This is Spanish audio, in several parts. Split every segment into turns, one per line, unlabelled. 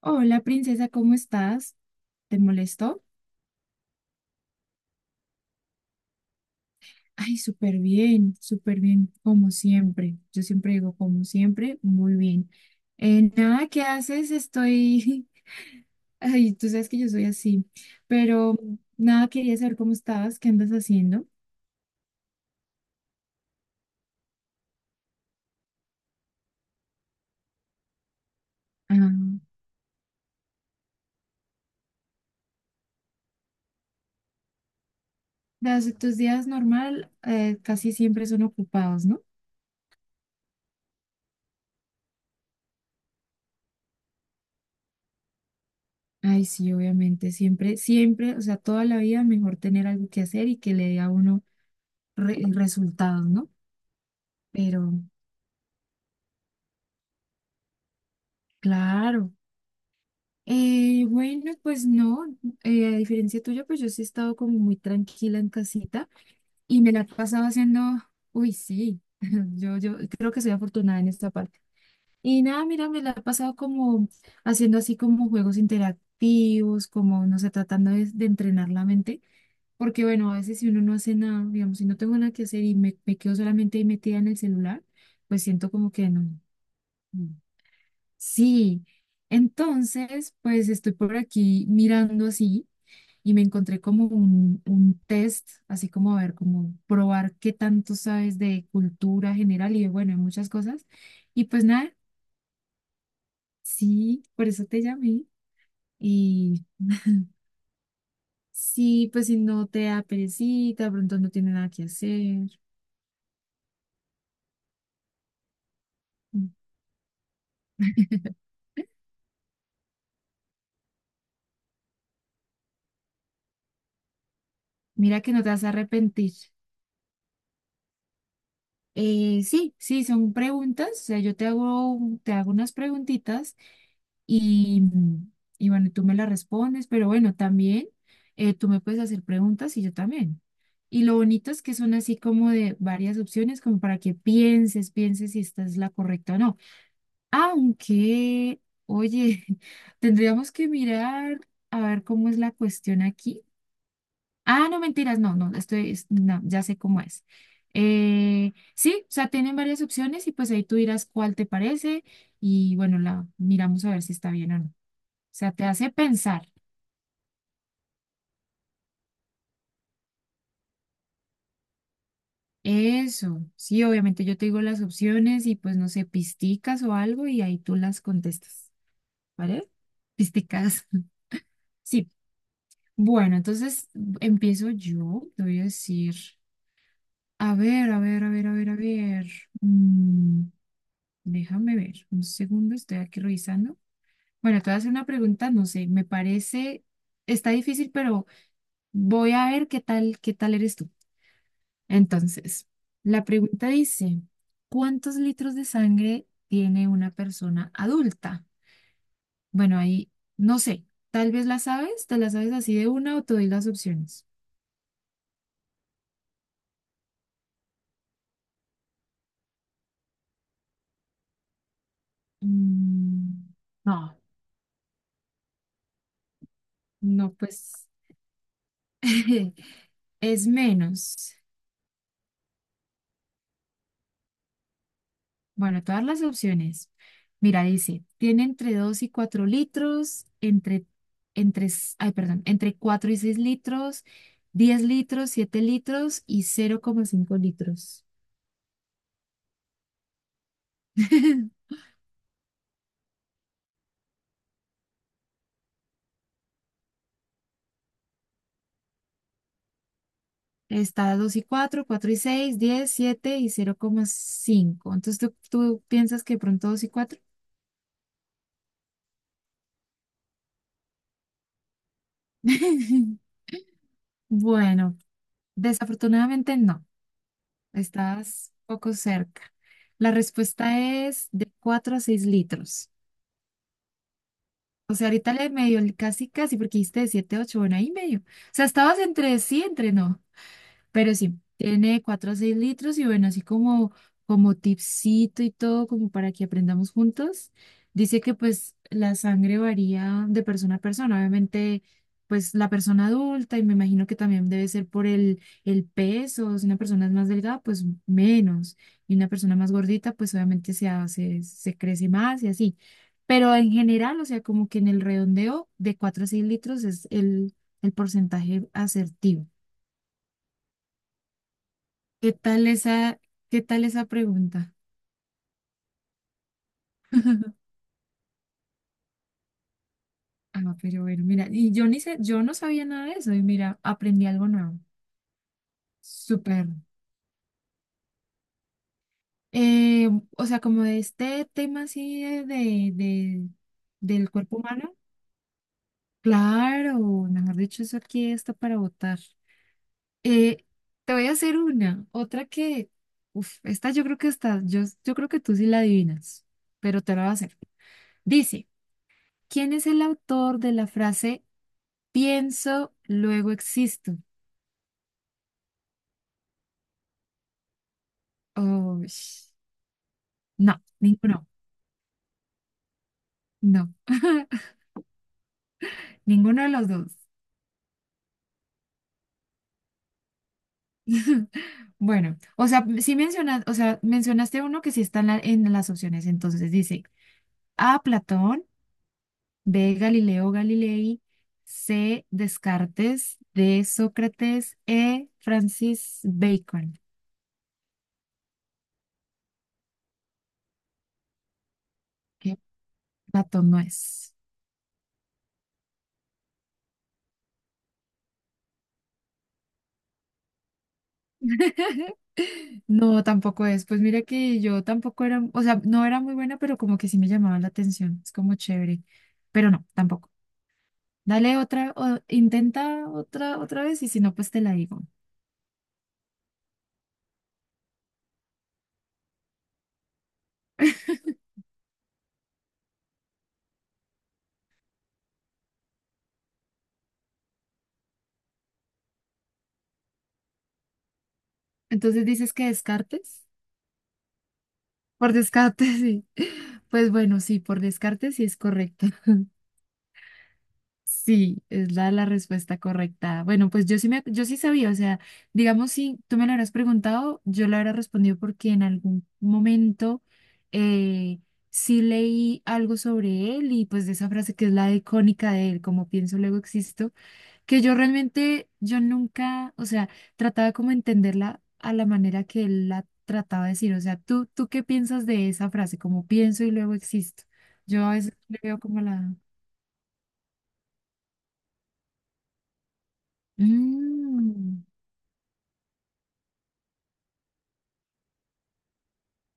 Hola, princesa, ¿cómo estás? ¿Te molestó? Ay, súper bien, como siempre. Yo siempre digo, como siempre, muy bien. Nada, ¿qué haces? Estoy... Ay, tú sabes que yo soy así, pero nada, quería saber cómo estabas, qué andas haciendo. Ah, tus días normal, casi siempre son ocupados, ¿no? Ay, sí, obviamente, siempre, siempre, o sea, toda la vida mejor tener algo que hacer y que le dé a uno resultados, ¿no? Pero... claro. Bueno, pues no, a diferencia tuya, pues yo sí he estado como muy tranquila en casita y me la he pasado haciendo, uy, sí. Yo creo que soy afortunada en esta parte. Y nada, mira, me la he pasado como haciendo así como juegos interactivos, como, no sé, tratando de entrenar la mente, porque bueno, a veces si uno no hace nada, digamos, si no tengo nada que hacer y me quedo solamente ahí metida en el celular, pues siento como que no. No. Sí, entonces, pues estoy por aquí mirando así y me encontré como un test, así como a ver, como probar qué tanto sabes de cultura general y de, bueno, de muchas cosas. Y pues nada, sí, por eso te llamé. Y sí, pues si no te da perecita, de pronto no tiene nada que hacer. mm, Mira que no te vas a arrepentir. Sí, sí, son preguntas, o sea, yo te hago, unas preguntitas. Y, y bueno, tú me la respondes, pero bueno, también, tú me puedes hacer preguntas y yo también. Y lo bonito es que son así como de varias opciones, como para que pienses si esta es la correcta o no. Aunque, oye, tendríamos que mirar a ver cómo es la cuestión aquí. Ah, no, mentiras, no, no, estoy, no, ya sé cómo es. Sí, o sea, tienen varias opciones y pues ahí tú dirás cuál te parece y bueno, la miramos a ver si está bien o no. sea, te hace pensar. Eso, sí, obviamente yo te digo las opciones y pues no sé, pisticas o algo y ahí tú las contestas, ¿vale? Pisticas. Sí, bueno, entonces empiezo yo, te voy a decir, a ver, a ver, a ver, a ver, a ver. mm, Déjame ver, un segundo, estoy aquí revisando. Bueno, te voy a hacer una pregunta, no sé, me parece, está difícil, pero voy a ver qué tal, eres tú. Entonces, la pregunta dice, ¿cuántos litros de sangre tiene una persona adulta? Bueno, ahí no sé, tal vez la sabes, te la sabes así de una o te doy las opciones. Mm, no, no, pues es menos. Bueno, todas las opciones. Mira, dice, tiene entre 2 y 4 litros, ay, perdón, entre 4 y 6 litros, 10 litros, 7 litros y 0,5 litros. Está: dos y cuatro, 4 y seis, diez, 7 y cero coma cinco. Entonces, ¿tú piensas que de pronto 2 y cuatro? Bueno, desafortunadamente no. Estás poco cerca. La respuesta es de 4 a 6 litros. O sea, ahorita le medio, casi, casi, porque dijiste de 7 a 8, bueno, ahí medio. O sea, estabas entre sí, entre no. Pero sí, tiene 4 a 6 litros y bueno, así como tipsito y todo, como para que aprendamos juntos. Dice que pues la sangre varía de persona a persona. Obviamente, pues la persona adulta y me imagino que también debe ser por el peso. Si una persona es más delgada, pues menos. Y una persona más gordita, pues obviamente se hace, se crece más y así. Pero en general, o sea, como que en el redondeo de 4 a 6 litros es el porcentaje asertivo. ¿Qué tal esa, pregunta? Ah, pero bueno, mira, y yo ni sé, yo no sabía nada de eso y mira, aprendí algo nuevo. Súper. Eh, o sea, como de este tema así del cuerpo humano. Claro, mejor dicho, eso aquí está para votar. Eh, Te voy a hacer una, otra que, uf, esta yo creo que está, yo creo que tú sí la adivinas, pero te la voy a hacer. Dice, ¿quién es el autor de la frase "Pienso, luego existo"? Oh, no, ninguno. No, ninguno de los dos. Bueno, o sea, sí mencionas, o sea, mencionaste uno que sí está en las opciones. Entonces dice: A, Platón; B, Galileo Galilei; C, Descartes; D, Sócrates; E, Francis Bacon, que Platón no es. No, tampoco es. Pues mira que yo tampoco era, o sea, no era muy buena, pero como que sí me llamaba la atención. Es como chévere. Pero no, tampoco. Dale otra, intenta otra vez y si no, pues te la digo. Entonces dices que descartes. Por descarte, sí. Pues bueno, sí, por descarte sí es correcto. Sí, es la respuesta correcta. Bueno, pues yo sí sabía, o sea, digamos, si tú me lo hubieras preguntado, yo lo hubiera respondido porque en algún momento, eh, sí leí algo sobre él y pues de esa frase que es la icónica de él, como pienso, luego existo, que yo realmente, yo nunca, o sea, trataba como entenderla a la manera que él la trataba de decir, o sea, ¿tú qué piensas de esa frase, como pienso y luego existo? Yo a veces le veo como la... Mm.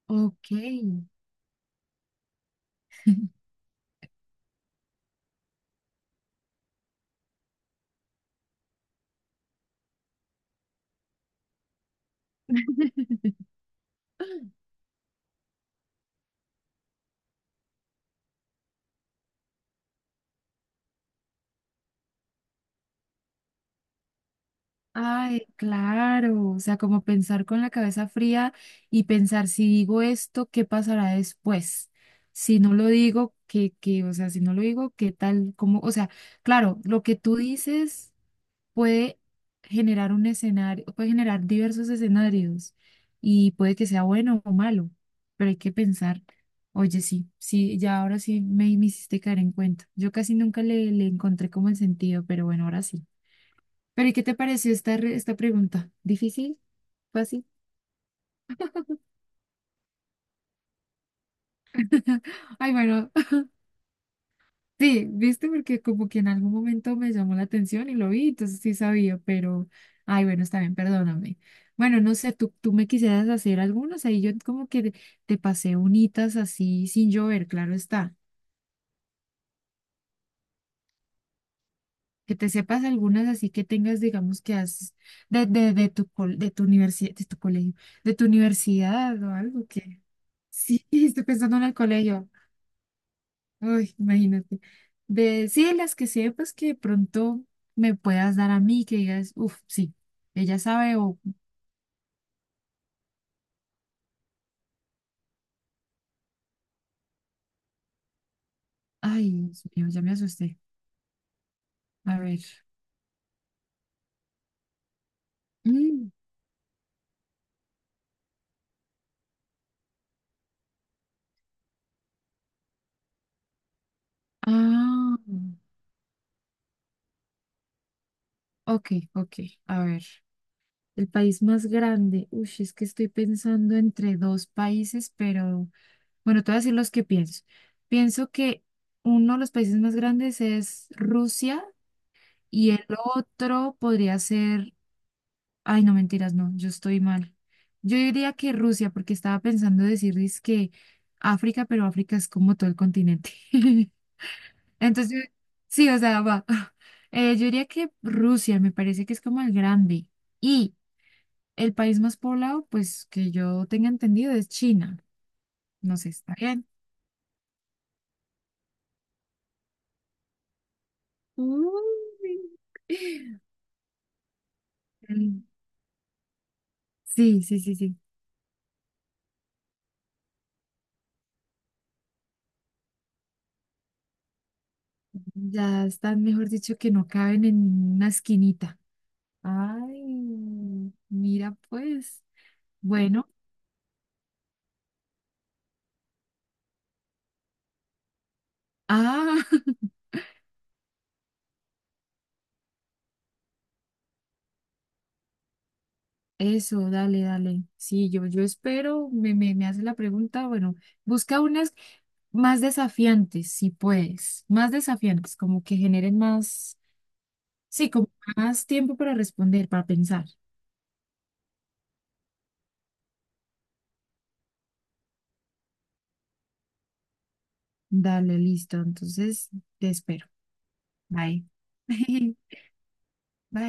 Ok. Ay, claro. O sea, como pensar con la cabeza fría y pensar si digo esto, ¿qué pasará después? Si no lo digo, ¿qué? O sea, si no lo digo, ¿qué tal? ¿Cómo? O sea, claro, lo que tú dices puede generar un escenario, puede generar diversos escenarios y puede que sea bueno o malo, pero hay que pensar. Oye, sí, sí, ya ahora sí me hiciste caer en cuenta. Yo casi nunca le encontré como el sentido, pero bueno, ahora sí. Pero, ¿y qué te pareció esta pregunta? ¿Difícil? ¿Fácil? Ay, bueno, sí, viste, porque como que en algún momento me llamó la atención y lo vi, entonces sí sabía, pero, ay, bueno, está bien, perdóname. Bueno, no sé, tú me quisieras hacer algunos, ahí yo como que te pasé unitas así sin llover, claro está. Que te sepas algunas así que tengas, digamos, que has de tu universidad, de tu colegio, de tu universidad o algo que... Sí, estoy pensando en el colegio. Uy, imagínate. De, sí, las que sepas que de pronto me puedas dar a mí, que digas, uff, sí, ella sabe o, ay, Dios mío, ya me asusté. A ver. Mm, Ah, ok, ok, a ver. El país más grande. Uy, es que estoy pensando entre dos países, pero bueno, te voy a decir los que pienso. Pienso que uno de los países más grandes es Rusia y el otro podría ser... Ay, no, mentiras, no, yo estoy mal. Yo diría que Rusia, porque estaba pensando decirles que África, pero África es como todo el continente. Entonces, sí, o sea, va. Yo diría que Rusia me parece que es como el grande. Y el país más poblado, pues que yo tenga entendido, es China. No sé, está bien. Uy. Mm. Sí, sí, sí, sí. Ya están, mejor dicho, que no caben en una esquinita. Ay, mira pues. Bueno, ah, eso, dale, dale. Sí, yo espero, me hace la pregunta, bueno, busca unas más desafiantes, si puedes, más desafiantes, como que generen más, sí, como más tiempo para responder, para pensar. Dale, listo, entonces te espero. Bye. Bye.